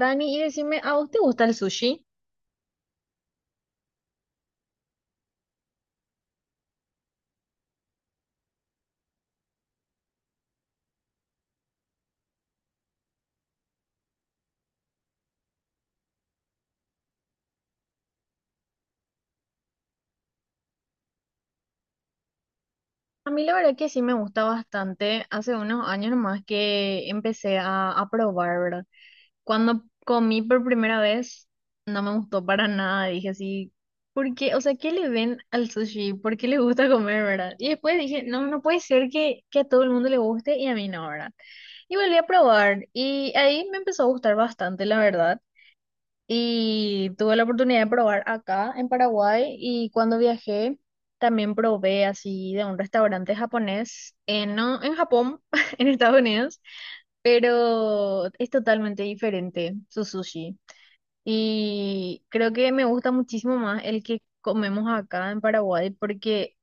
Dani, y decime, ¿a vos te gusta el sushi? A mí la verdad que sí me gusta bastante. Hace unos años nomás que empecé a probar, ¿verdad? Cuando comí por primera vez, no me gustó para nada. Dije así, ¿por qué? O sea, ¿qué le ven al sushi? ¿Por qué le gusta comer, verdad? Y después dije, no, no puede ser que a todo el mundo le guste y a mí no, ¿verdad? Y volví a probar y ahí me empezó a gustar bastante, la verdad. Y tuve la oportunidad de probar acá en Paraguay y cuando viajé también probé así de un restaurante japonés, en, no en Japón, en Estados Unidos, pero es totalmente diferente su sushi. Y creo que me gusta muchísimo más el que comemos acá en Paraguay porque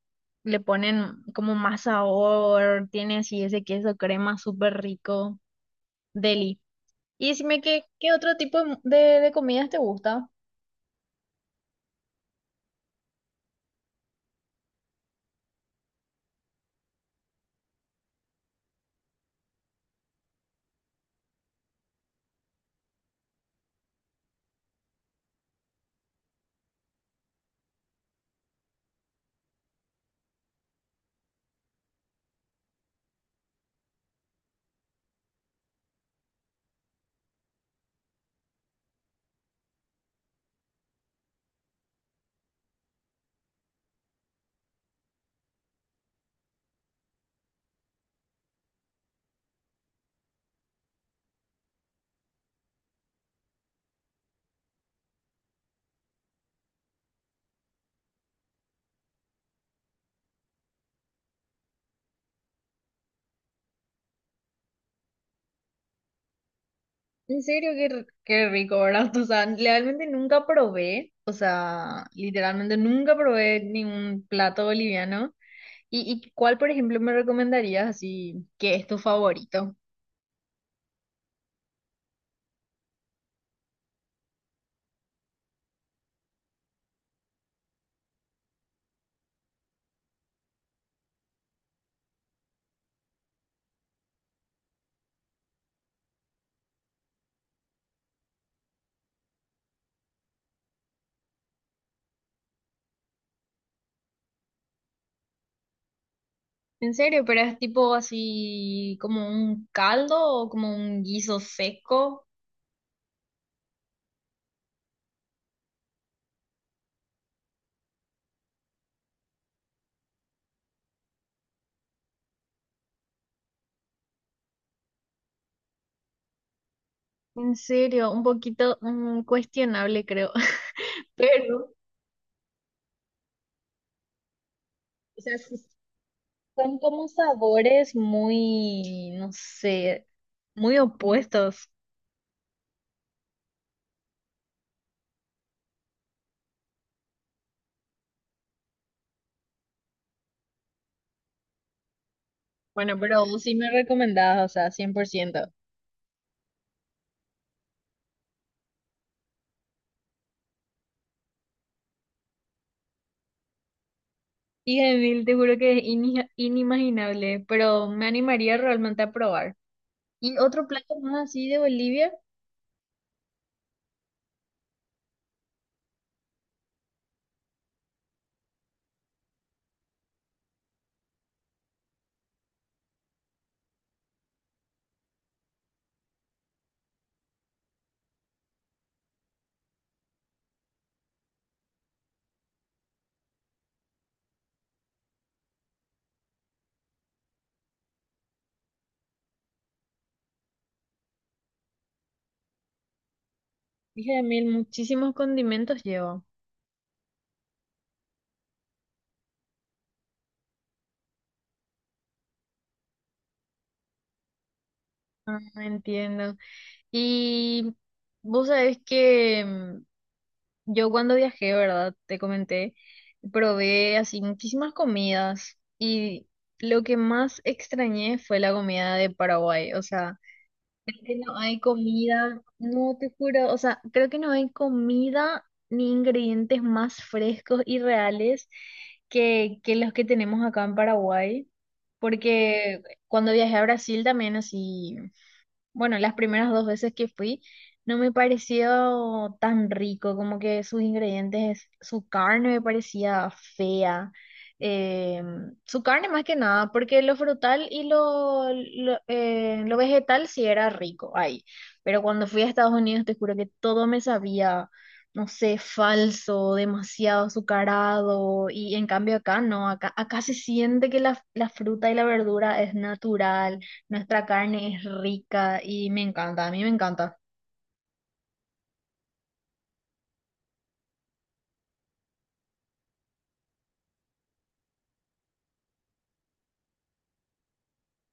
le ponen como más sabor, tiene así ese queso crema súper rico, deli. Y decime qué otro tipo de comidas te gusta. En serio, qué rico, ¿verdad? O sea, realmente nunca probé, o sea, literalmente nunca probé ningún plato boliviano. ¿Y cuál, por ejemplo, me recomendarías así que es tu favorito? En serio, pero es tipo así como un caldo o como un guiso seco. En serio, un poquito cuestionable, creo. Pero, o sea, sí son como sabores muy, no sé, muy opuestos. Bueno, pero vos sí me recomendabas, o sea, 100% y mil, te juro que es inimaginable, pero me animaría realmente a probar. Y otro plato más así de Bolivia, dije de mil, muchísimos condimentos lleva. Ah, entiendo. Y vos sabés que yo cuando viajé, ¿verdad? Te comenté, probé así muchísimas comidas y lo que más extrañé fue la comida de Paraguay, o sea... que no hay comida, no te juro, o sea, creo que no hay comida ni ingredientes más frescos y reales que los que tenemos acá en Paraguay, porque cuando viajé a Brasil también así bueno, las primeras dos veces que fui no me pareció tan rico, como que sus ingredientes, su carne me parecía fea. eh, su carne más que nada, porque lo frutal y lo vegetal sí era rico ahí. Pero cuando fui a Estados Unidos te juro que todo me sabía, no sé, falso, demasiado azucarado. Y en cambio acá no, acá se siente que la fruta y la verdura es natural. Nuestra carne es rica y me encanta, a mí me encanta.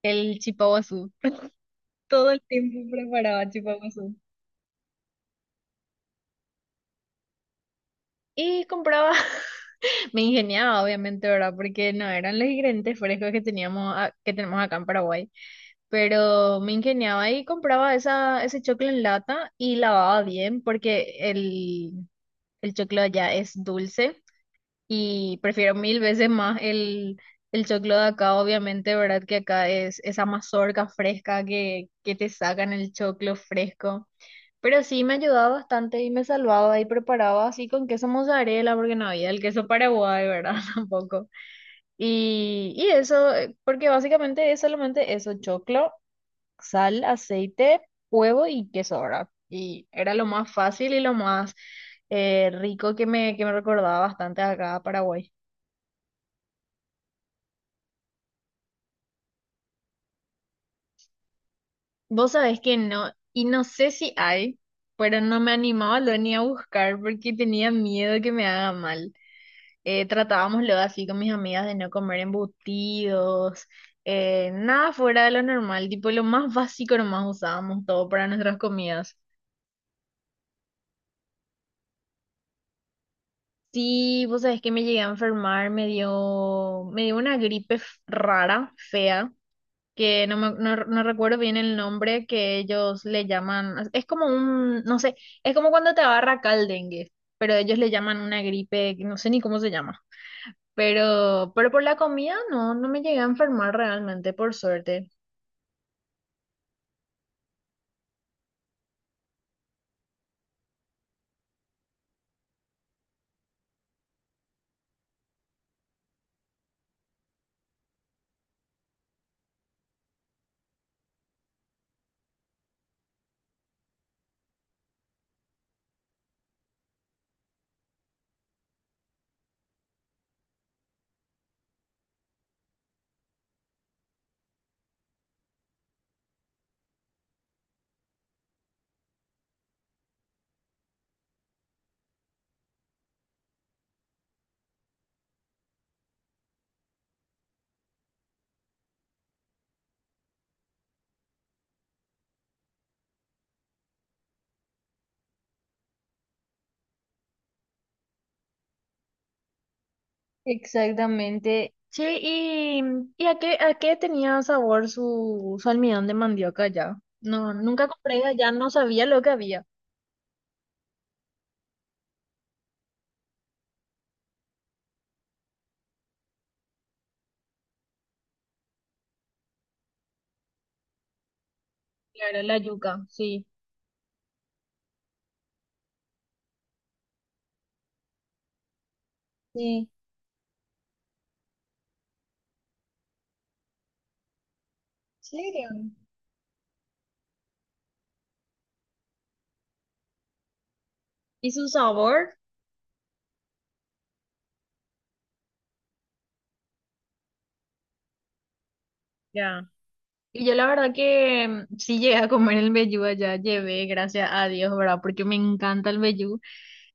El chipaguazú. Todo el tiempo preparaba chipaguazú. Y compraba, me ingeniaba obviamente, ¿verdad? Porque no eran los ingredientes frescos que teníamos, que tenemos acá en Paraguay. Pero me ingeniaba y compraba ese choclo en lata y lavaba bien porque el choclo allá es dulce. Y prefiero mil veces más el choclo de acá, obviamente, ¿verdad? Que acá es esa mazorca fresca que te sacan el choclo fresco. Pero sí me ayudaba bastante y me salvaba y preparaba así con queso mozzarella, porque no había el queso paraguay, ¿verdad? Tampoco. Y eso, porque básicamente es solamente eso, choclo, sal, aceite, huevo y queso, ¿verdad? Y era lo más fácil y lo más rico que me recordaba bastante acá a Paraguay. Vos sabés que no, y no sé si hay, pero no me animaba lo ni a buscar porque tenía miedo que me haga mal. Tratábamos luego así con mis amigas de no comer embutidos, nada fuera de lo normal, tipo lo más básico nomás usábamos todo para nuestras comidas. Sí, vos sabés que me llegué a enfermar, me dio una gripe rara, fea. Que no, no recuerdo bien el nombre que ellos le llaman, es como un, no sé, es como cuando te agarra acá el dengue, pero ellos le llaman una gripe, que no sé ni cómo se llama, pero por la comida no, no me llegué a enfermar realmente, por suerte. Exactamente. Sí, ¿y a qué tenía sabor su almidón de mandioca ya? No, nunca compré allá, no sabía lo que había. Claro, la yuca, sí. Sí. ¿En serio? ¿Y su sabor? Ya. Y yo la verdad que sí llegué a comer el vellú allá, llevé, gracias a Dios, ¿verdad? Porque me encanta el vellú.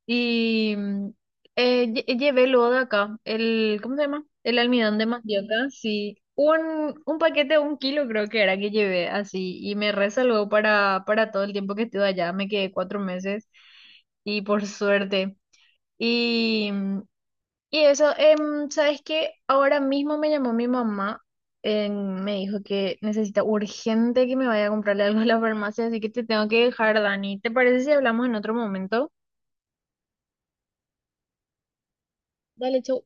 Y llevé luego de acá el, ¿cómo se llama? El almidón de mandioca, sí. Un paquete, un kilo creo que era que llevé así. Y me resalvó para todo el tiempo que estuve allá. Me quedé 4 meses y por suerte. Y, mm, y eso, ¿sabes qué? Ahora mismo me llamó mi mamá, em, me dijo que necesita urgente que me vaya a comprarle algo a la farmacia, así que te tengo que dejar, Dani. ¿Te parece si hablamos en otro momento? Dale, chau.